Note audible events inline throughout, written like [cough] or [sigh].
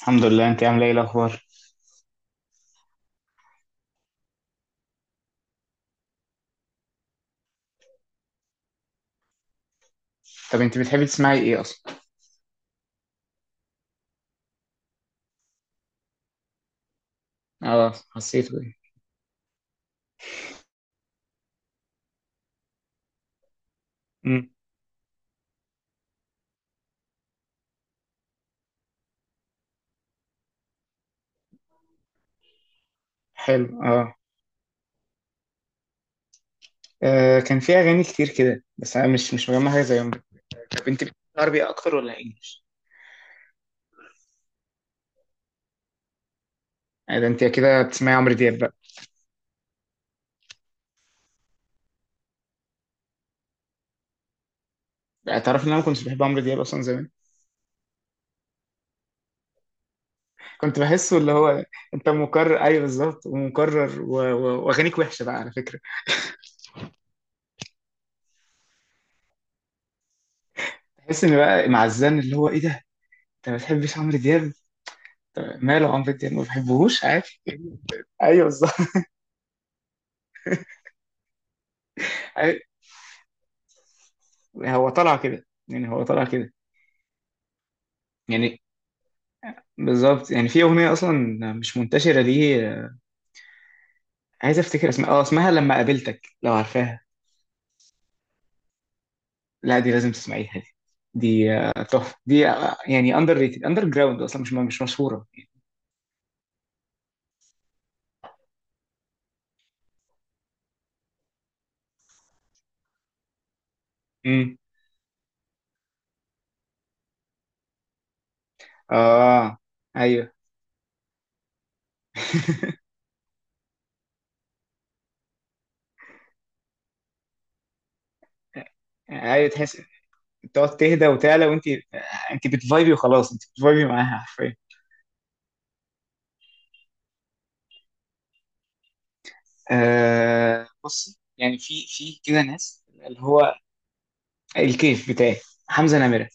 الحمد لله، انت عامله ايه الاخبار؟ طب انت بتحبي تسمعي ايه اصلا؟ اه، حسيته ايه؟ امم. حلو، اه. آه، كان في اغاني كتير كده، بس انا مش مجمع حاجه زيهم. طب انت بتحبي عربي اكتر ولا انجلش؟ آه، ده انت كده بتسمعي عمرو دياب بقى. لا، تعرف ان انا ما كنتش بحب عمرو دياب اصلا زمان. كنت بحسه اللي هو. انت مكرر، ايوه بالظبط، ومكرر، واغانيك وحشه بقى على فكره. تحس ان بقى معزان، اللي هو ايه ده. انت ما بتحبش عمرو دياب؟ طب ماله عمرو دياب، ما بحبهوش عادي. [laughs] ايوه، بالظبط. أيوة، هو طالع كده، يعني هو طالع كده. يعني بالظبط، يعني في اغنيه اصلا مش منتشره دي، عايز افتكر اسمها، لما قابلتك، لو عارفاها؟ لا، دي لازم تسمعيها دي. دي تحفه، دي يعني اندر ريتد اندر جراوند اصلا مش مشهوره. امم. اه. ايوه، ايوه، تحس تقعد تهدى وتعلى، وانت انت بتفايبي وخلاص، انت بتفايبي معاها حرفيا. آه، بص، يعني في كده ناس اللي هو الكيف بتاعي، حمزه نمره.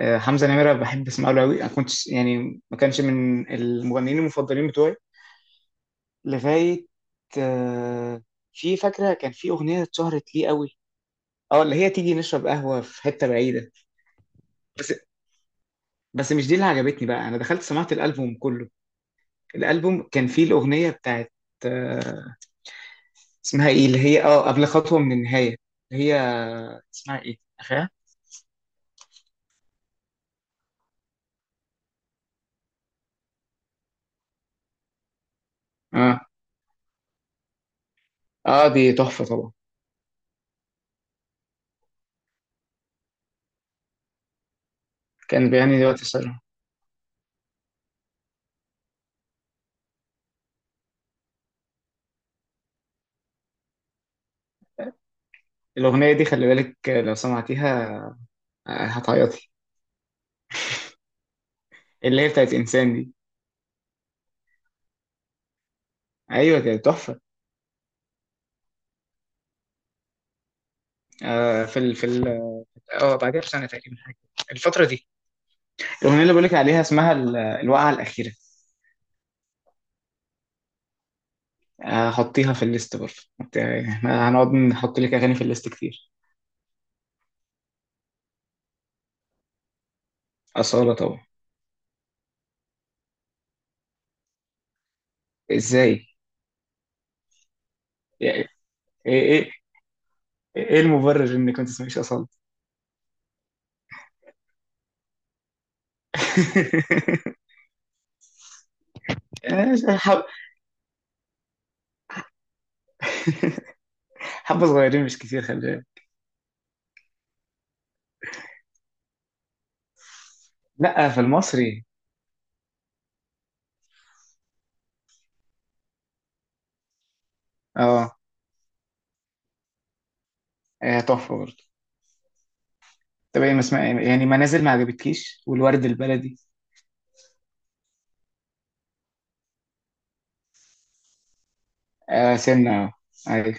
آه، حمزة نمرة بحب اسمع له قوي، انا كنت يعني ما كانش من المغنيين المفضلين بتوعي، لغاية آه، في فاكرة كان في أغنية اتشهرت ليه قوي، اه اللي هي تيجي نشرب قهوة في حتة بعيدة. بس بس مش دي اللي عجبتني بقى، انا دخلت سمعت الألبوم كله. الألبوم كان فيه الأغنية بتاعت آه، اسمها ايه، اللي هي قبل خطوة من النهاية، اللي هي اسمها ايه، اخيرا. اه. اه، دي تحفة طبعا. كان بيعني دلوقتي الصراحة. الأغنية دي خلي بالك، لو سمعتيها هتعيطي. اللي هي بتاعت انسان دي. ايوه، كانت تحفه. آه في ال في ال اه بعدها بسنه تقريبا حاجه، الفتره دي. الاغنيه اللي بقولك عليها اسمها الوقعه الاخيره. آه، هحطيها في الليست برضه. حط- احنا هنقعد نحط لك اغاني في الليست كتير. اصاله طبعا. ازاي؟ يعني، ايه، ايه المبرر انك ما تسمعيش اصاله؟ [laughs] آه، حبه صغيرين، مش كتير، خلي بالك. لا، في المصري. اه. آه، تحفه برضه. طب ايه ما اسمع، يعني منازل ما عجبتكيش، والورد البلدي؟ آه، سنة، آه. أيوة.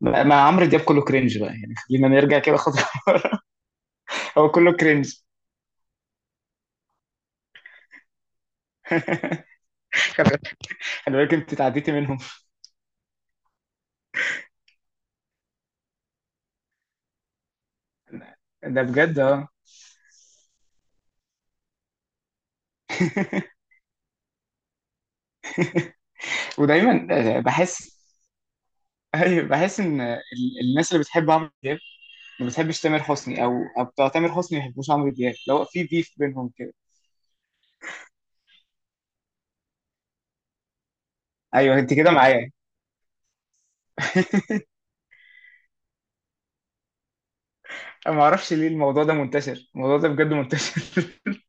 ما عمرو دياب كله كرنج بقى، يعني خلينا نرجع كده خطوة. [laughs] هو كله كرنج. خلي بالك، انت تعديتي منهم. ده بجد، اه. ودايما، آه، بحس. أيوة، بحس ان الناس اللي بتحب عمرو دياب ما بتحبش تامر حسني، او بتوع تامر حسني ما بيحبوش عمرو دياب، لو في بيف بينهم كده. ايوه، انت كده معايا. [laughs] انا ما اعرفش ليه الموضوع ده منتشر، الموضوع ده بجد منتشر. [laughs]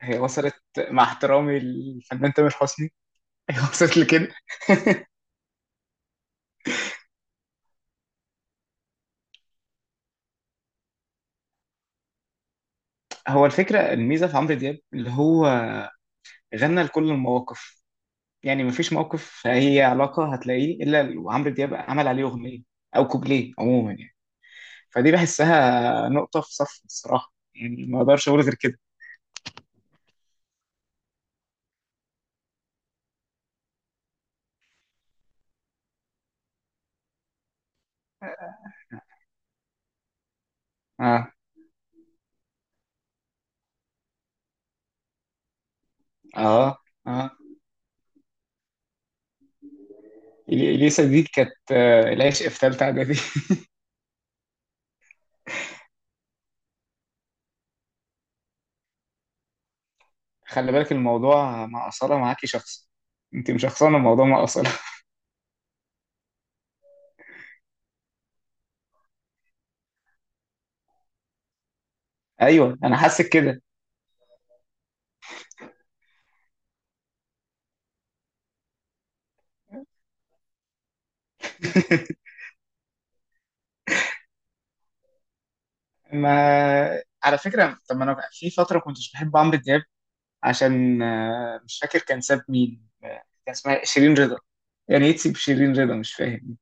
هي وصلت. مع احترامي للفنان تامر حسني. [laughs] هي وصلت لكده. هو الفكره، الميزه في عمرو دياب اللي هو غنى لكل المواقف. يعني مفيش موقف، هي علاقة، هتلاقيه إلا وعمرو دياب عمل عليه أغنية، أو كوبليه، عموما يعني. فدي بحسها نقطة في صف الصراحة، يعني ما أقدرش أقول غير كده. آه، آه، آه. إليسا دي كانت العشق في تالتة إعدادي. [laughs] خلي بالك، الموضوع مع أصالة معاكي شخص. أنت مش شخصانة، الموضوع مع أصالة. [laughs] أيوه، أنا حاسس كده. [laughs] ما على فكرة، طب ما أنا في فترة كنتش بحب عمرو دياب، عشان مش فاكر كان ساب مين، كان اسمها شيرين رضا. يعني ايه تسيب شيرين رضا، مش فاهم.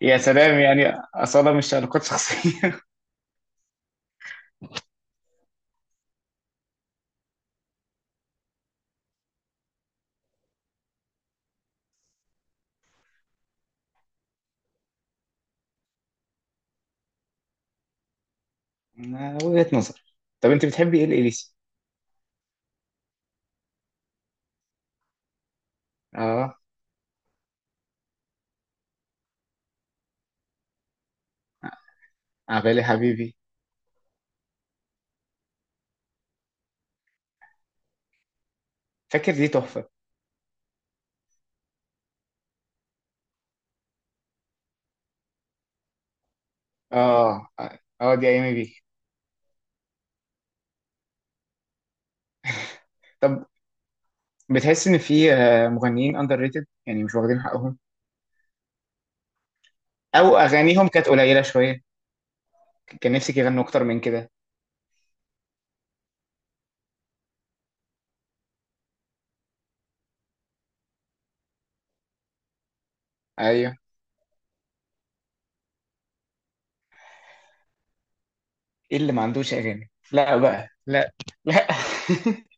يا سلام، يعني أصالة مش علاقات شخصية. [laughs] آه، وجهة نظر. طب انت بتحبي ايه الإليسي؟ اه، عبالي حبيبي، فاكر، دي تحفة. اه. اه، دي ايامي بيك. طب بتحس ان في مغنيين اندر ريتد، يعني مش واخدين حقهم، او اغانيهم كانت قليلة شوية، كان نفسك يغنوا اكتر من كده؟ ايوه، ايه اللي ما عندوش اغاني؟ لا بقى، لا. لا. [laughs]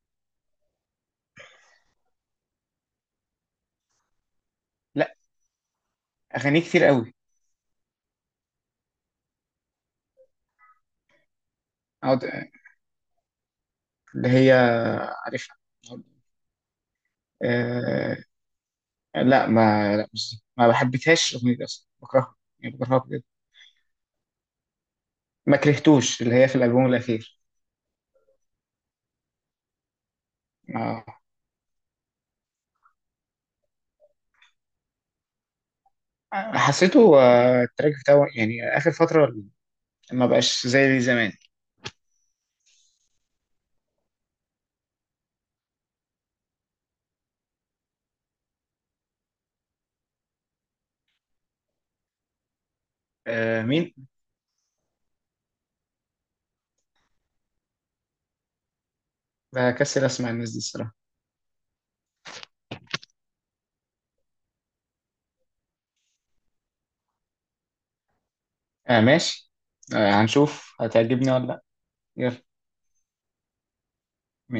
اغاني كتير قوي. اقعد اللي هي عارفها. أه. لا، ما لا، مش دي. ما بحبتهاش الاغنيه دي اصلا، بكرهها، يعني بكرهها بجد. ما كرهتوش اللي هي في الالبوم الاخير؟ ما حسيته التراك بتاعه، يعني اخر فتره، ما بقاش زي زمان. أه، مين؟ بكسل اسمع الناس دي الصراحه. أه، ماشي. أه، هنشوف هتعجبني ولا لا. يلا.